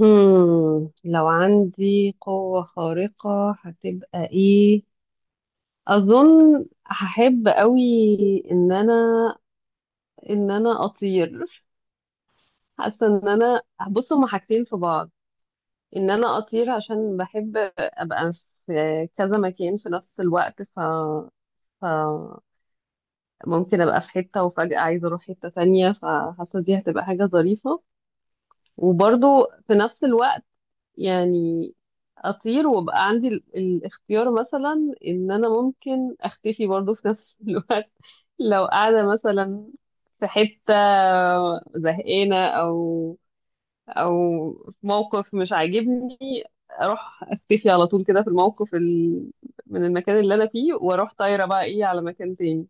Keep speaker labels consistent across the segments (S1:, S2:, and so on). S1: لو عندي قوة خارقة هتبقى ايه؟ اظن هحب قوي ان انا ان انا اطير. حاسة ان انا، بص هما حاجتين في بعض. ان انا اطير عشان بحب ابقى في كذا مكان في نفس الوقت. ف... ممكن ابقى في حتة وفجأة عايزة اروح حتة تانية، فحاسة دي هتبقى حاجة ظريفة. وبرضو في نفس الوقت، يعني اطير وابقى عندي الاختيار مثلا ان انا ممكن اختفي برضو في نفس الوقت. لو قاعده مثلا في حته زهقانه، او في موقف مش عاجبني، اروح اختفي على طول كده في الموقف. من المكان اللي انا فيه واروح طايره بقى ايه على مكان تاني.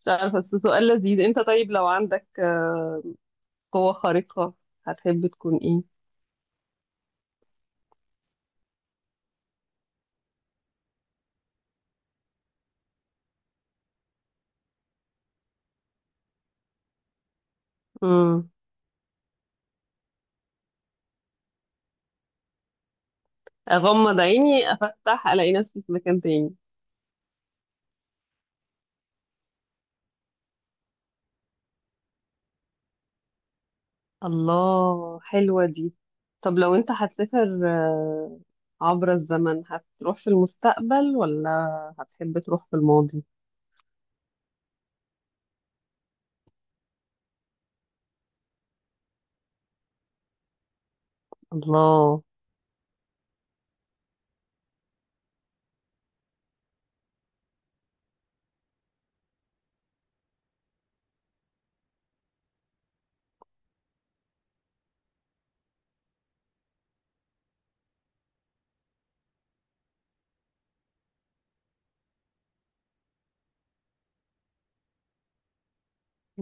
S1: مش عارفه. بس سؤال لذيذ. انت طيب لو عندك قوه خارقه هتحب تكون ايه؟ اغمض عيني افتح الاقي نفسي في مكان تاني. الله، حلوة دي. طب لو انت هتسافر عبر الزمن، هتروح في المستقبل ولا هتحب تروح في الماضي؟ الله.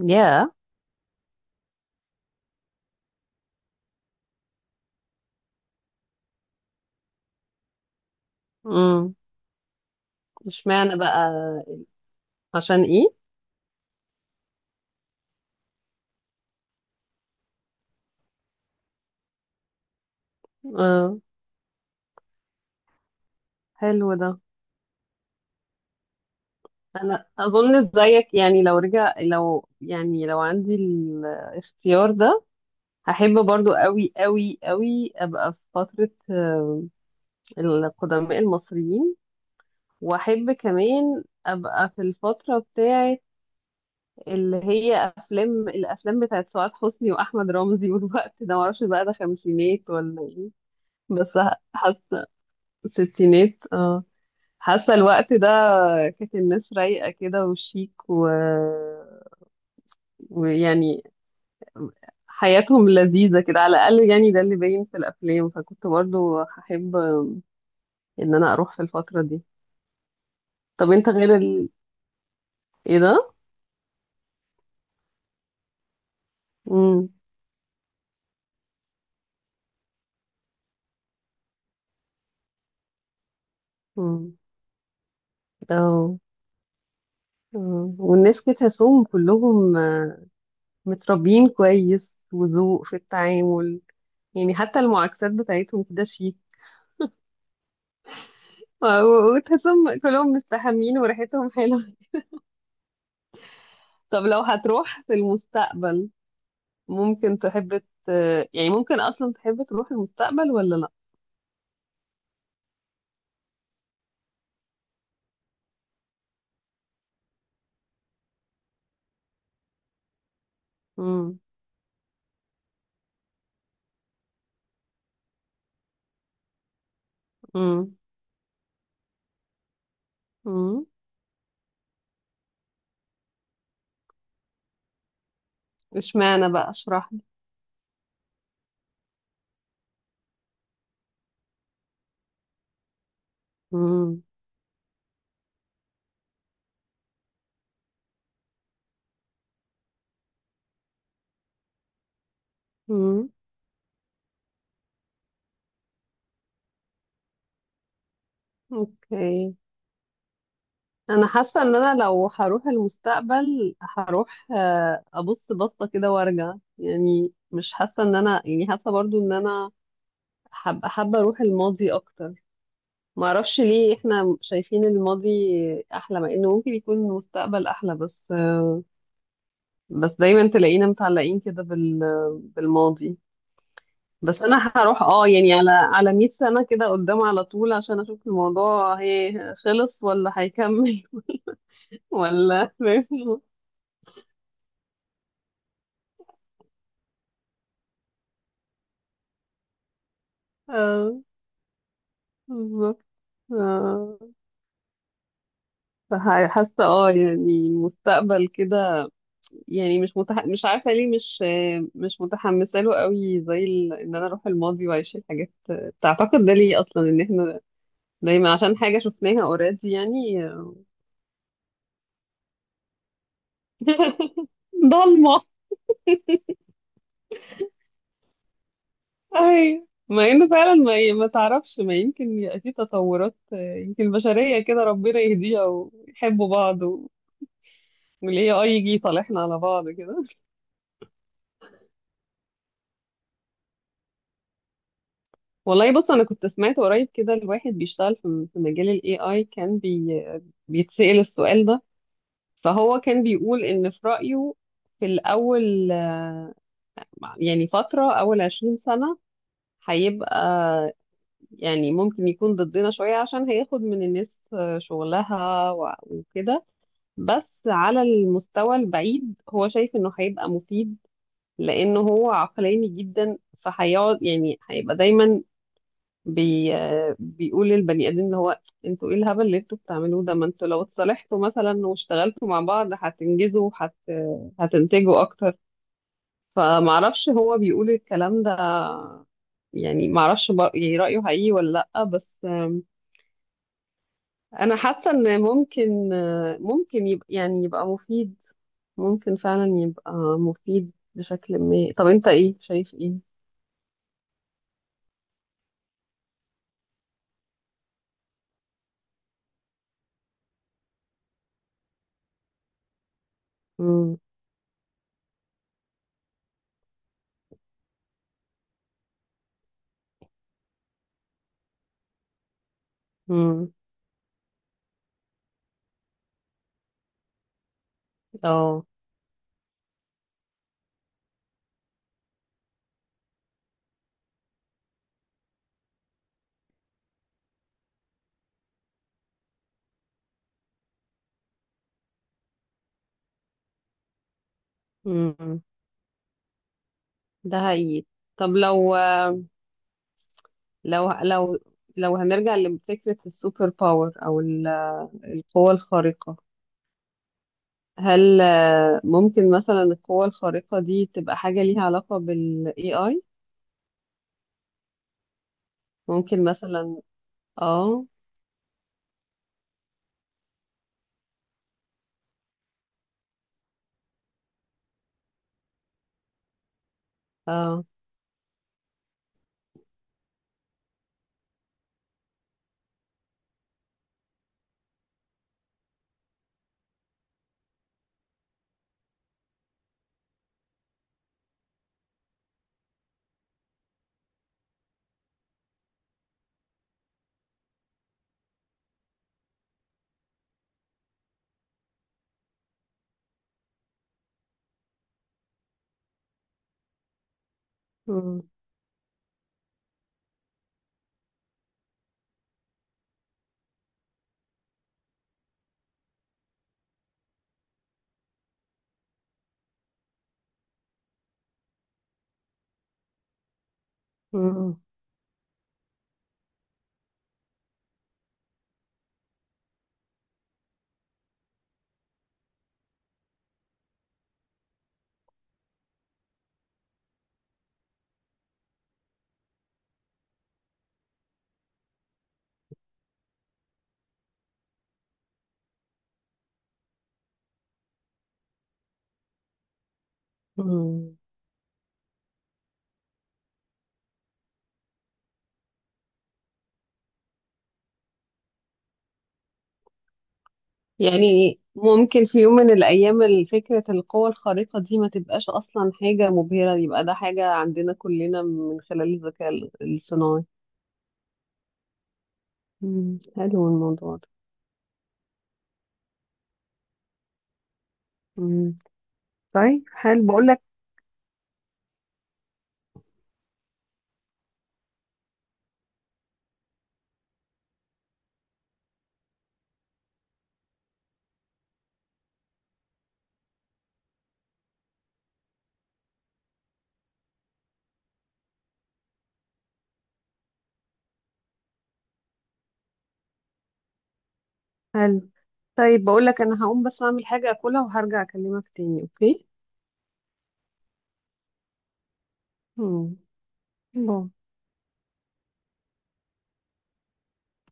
S1: يا. امم. اشمعنى بقى؟ عشان ايه؟ اه. حلو ده. انا اظن زيك. يعني لو رجع، لو يعني لو عندي الاختيار ده، هحب برضو قوي قوي قوي ابقى في فترة القدماء المصريين. واحب كمان ابقى في الفتره بتاعه اللي هي افلام، الافلام بتاعه سعاد حسني واحمد رمزي والوقت ده معرفش بقى ده خمسينات ولا ايه. بس حاسه ستينات، اه. حاسه الوقت ده كانت الناس رايقه كده وشيك، ويعني حياتهم لذيذه كده، على الاقل يعني ده اللي باين في الافلام. فكنت برضو هحب ان انا اروح في الفتره دي. طب انت غير ايه ده. امم. امم. مم. والناس كده تحسهم كلهم متربيين كويس، وذوق في التعامل. يعني حتى المعاكسات بتاعتهم كده شيك. وتحسهم كلهم مستحمين وريحتهم حلوة. طب لو هتروح في المستقبل، ممكن تحب يعني ممكن أصلا تحب تروح المستقبل ولا لأ؟ مم. مم. مم. اشمعنى بقى؟ اشرح لي. مم. مم. اوكي. انا حاسه ان انا لو هروح المستقبل هروح ابص بصه كده وارجع. يعني مش حاسه ان انا، يعني حاسه برضو ان انا حابه حابه اروح الماضي اكتر. ما اعرفش ليه احنا شايفين الماضي احلى، مع انه ممكن يكون المستقبل احلى. بس بس دايما تلاقينا متعلقين كده بالماضي. بس انا هروح اه يعني على 100 سنه كده قدام على طول عشان اشوف الموضوع هي خلص ولا هيكمل. ولا فاهم؟ آه. بالظبط. آه، حاسه اه يعني المستقبل كده. يعني مش عارفه ليه مش مش متحمسه له قوي زي ان انا اروح الماضي واعيش الحاجات تعتقد ده ليه اصلا ان احنا دايما عشان حاجه شفناها اوريدي يعني ضلمه. اهي، مع انه فعلا ما ما تعرفش ما يمكن يبقى في تطورات يمكن البشريه كده ربنا يهديها ويحبوا بعض والاي اي يجي يصالحنا على بعض كده. والله، بص انا كنت سمعت قريب كده الواحد بيشتغل في مجال الاي اي، كان بيتسأل السؤال ده. فهو كان بيقول ان في رأيه في الاول، يعني فترة اول 20 سنة هيبقى، يعني ممكن يكون ضدنا شوية عشان هياخد من الناس شغلها وكده. بس على المستوى البعيد هو شايف انه هيبقى مفيد، لانه هو عقلاني جدا، فهيقعد يعني هيبقى دايما بي آه، بيقول للبني ادمين، اللي هو انتوا ايه الهبل اللي انتوا بتعملوه ده؟ ما انتوا لو اتصالحتوا مثلا واشتغلتوا مع بعض هتنجزوا هتنتجوا اكتر. فمعرفش هو بيقول الكلام ده، يعني معرفش يعني رأيه حقيقي ولا لأ. بس انا حاسة ان ممكن ممكن يبقى، يعني يبقى مفيد. ممكن فعلا يبقى مفيد بشكل ما. طب انت ايه شايف ايه؟ امم. امم. اه. امم. ده حقيقي. طب لو لو لو لو هنرجع لفكرة السوبر باور أو القوة الخارقة، هل ممكن مثلا القوة الخارقة دي تبقى حاجة ليها علاقة بال AI؟ ممكن مثلا. اه. اه. مم، مم، مم. يعني ممكن في يوم من الأيام فكرة القوة الخارقة دي ما تبقاش أصلا حاجة مبهرة، يبقى ده حاجة عندنا كلنا من خلال الذكاء الصناعي. مم، حلو الموضوع ده. مم. طيب حلو، بقول لك. حلو. طيب بقول لك، انا هقوم بس اعمل حاجة اكلها وهرجع اكلمك تاني. اوكي. مم. باي.